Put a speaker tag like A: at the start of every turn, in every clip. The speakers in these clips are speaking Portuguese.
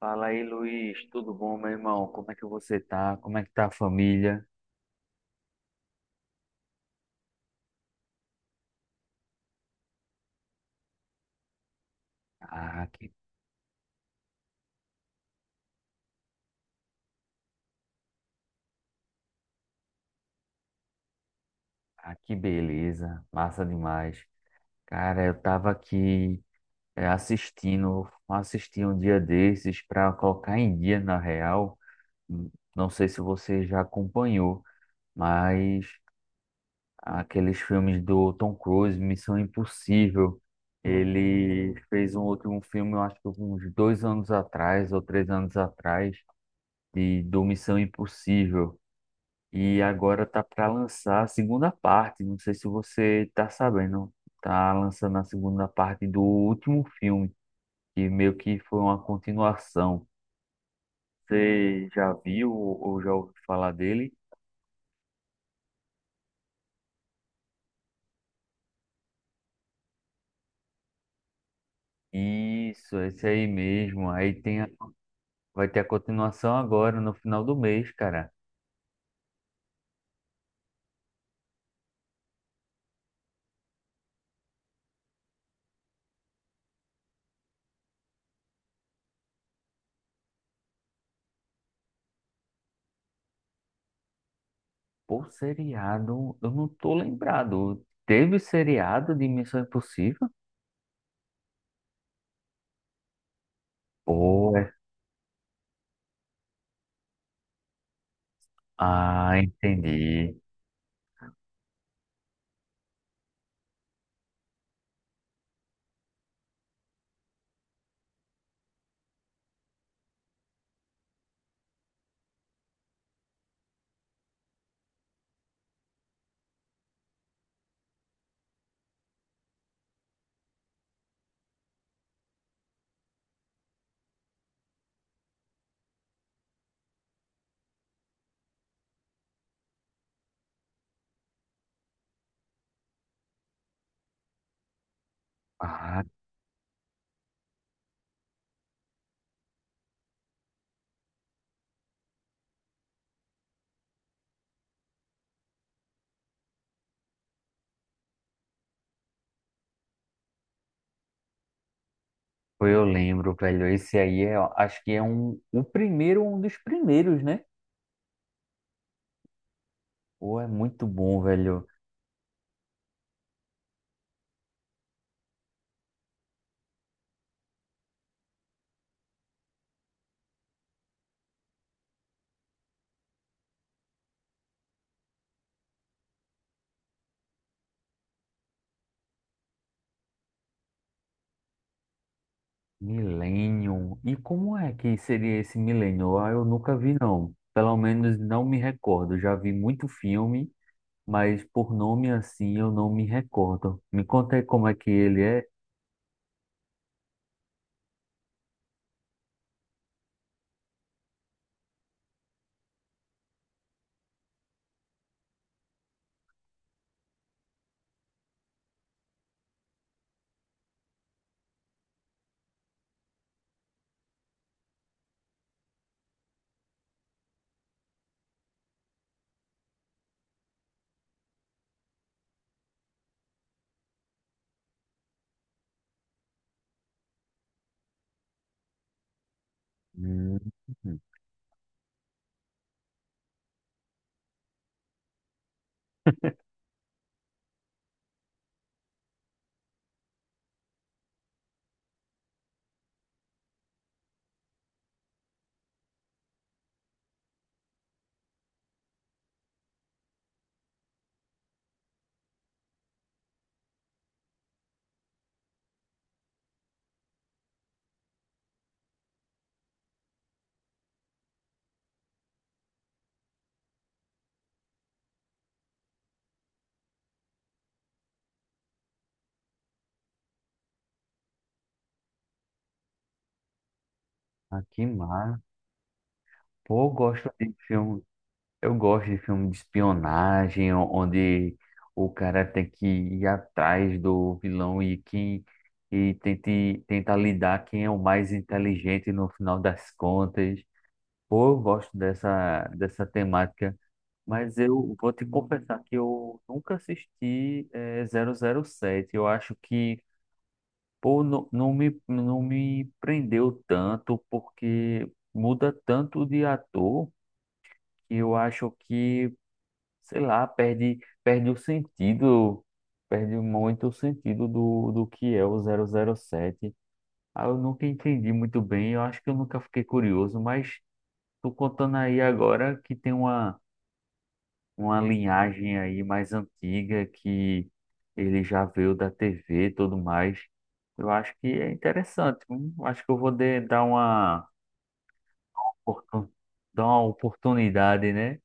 A: Fala aí, Luiz. Tudo bom, meu irmão? Como é que você tá? Como é que tá a família? Ah, que, ah, que beleza. Massa demais. Cara, eu tava aqui assisti um dia desses para colocar em dia, na real. Hum, Não sei se você já acompanhou, mas aqueles filmes do Tom Cruise, Missão Impossível. Ele fez um último filme, eu acho que uns 2 anos atrás ou 3 anos atrás, do Missão Impossível. E agora tá para lançar a segunda parte. Não sei se você tá sabendo. Tá lançando a segunda parte do último filme, que meio que foi uma continuação. Você já viu ou já ouviu falar dele? Isso, esse aí mesmo. Vai ter a continuação agora, no final do mês, cara. Por seriado, eu não tô lembrado. Teve seriado de Missão Impossível? Pô, é... Ah, entendi. Ah, pô, eu lembro, velho. Esse aí é, acho que é um, o primeiro, um dos primeiros, né? Pô, é muito bom, velho. Millennium. E como é que seria esse Millennium? Ah, eu nunca vi, não. Pelo menos não me recordo. Já vi muito filme, mas por nome assim eu não me recordo. Me conta aí como é que ele é. Hum, ah, que mar. Pô, eu gosto de filme. Eu gosto de filme de espionagem, onde o cara tem que ir atrás do vilão e quem e tenta lidar quem é o mais inteligente no final das contas. Pô, eu gosto dessa temática, mas eu vou te confessar que eu nunca assisti 007. Eu acho que pô, não, não me prendeu tanto, porque muda tanto de ator que eu acho que sei lá, perde o sentido, perde muito o sentido do que é o 007. Ah, eu nunca entendi muito bem, eu acho que eu nunca fiquei curioso, mas tô contando aí agora que tem uma linhagem aí mais antiga que ele já veio da TV e tudo mais. Eu acho que é interessante, eu acho que eu vou oportun- dar uma oportunidade, né?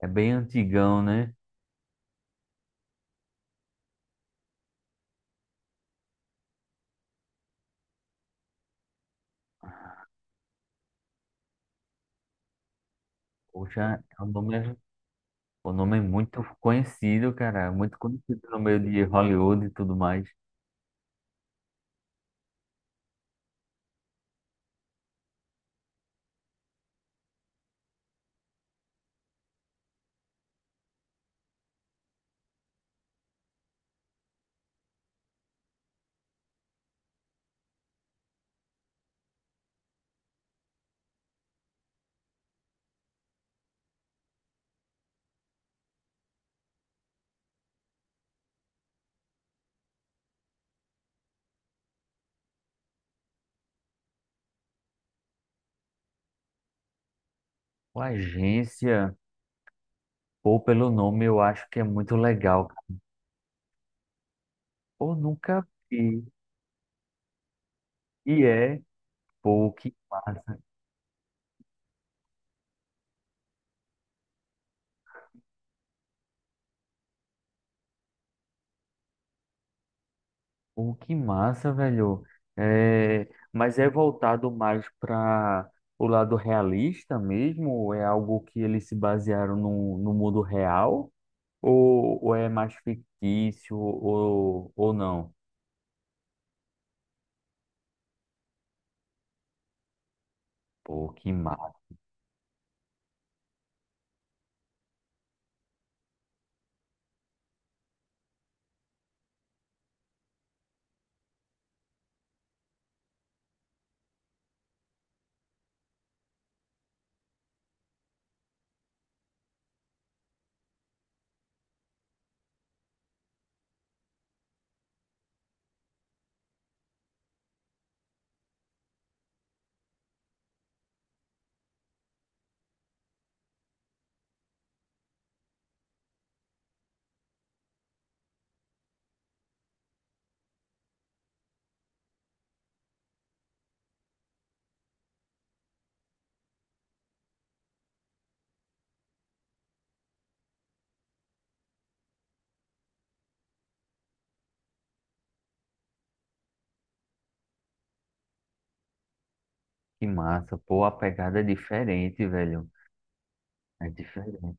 A: É bem antigão, né? Poxa, o nome é muito conhecido, cara, muito conhecido no meio de Hollywood e tudo mais. O Agência, pô, pelo nome eu acho que é muito legal, cara. Pô, nunca vi. E é, pô, que massa. Pô, que massa, velho. É, mas é voltado mais para o lado realista mesmo? É algo que eles se basearam no mundo real? Ou é mais fictício ou não? Pô, que massa. Que massa. Pô, a pegada é diferente, velho. É diferente.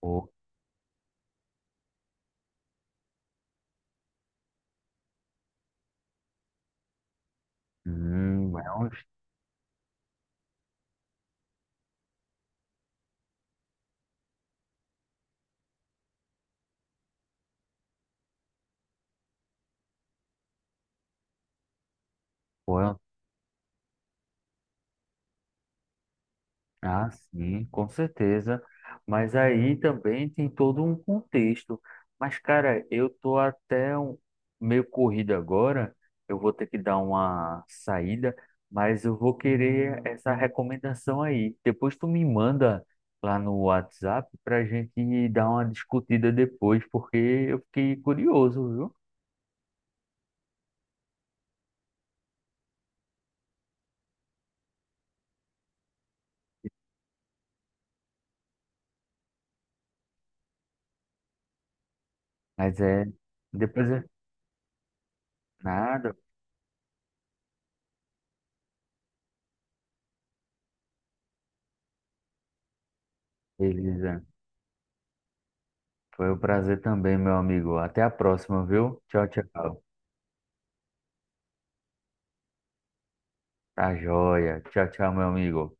A: Pô, hum, é um... Pô, ah, sim, com certeza. Mas aí também tem todo um contexto. Mas, cara, eu tô até meio corrido agora. Eu vou ter que dar uma saída, mas eu vou querer essa recomendação aí. Depois tu me manda lá no WhatsApp pra gente dar uma discutida depois, porque eu fiquei curioso, viu? Mas é. Depois é. Nada, beleza. Foi um prazer também, meu amigo. Até a próxima, viu? Tchau, tchau. Tá joia. Tchau, tchau, meu amigo.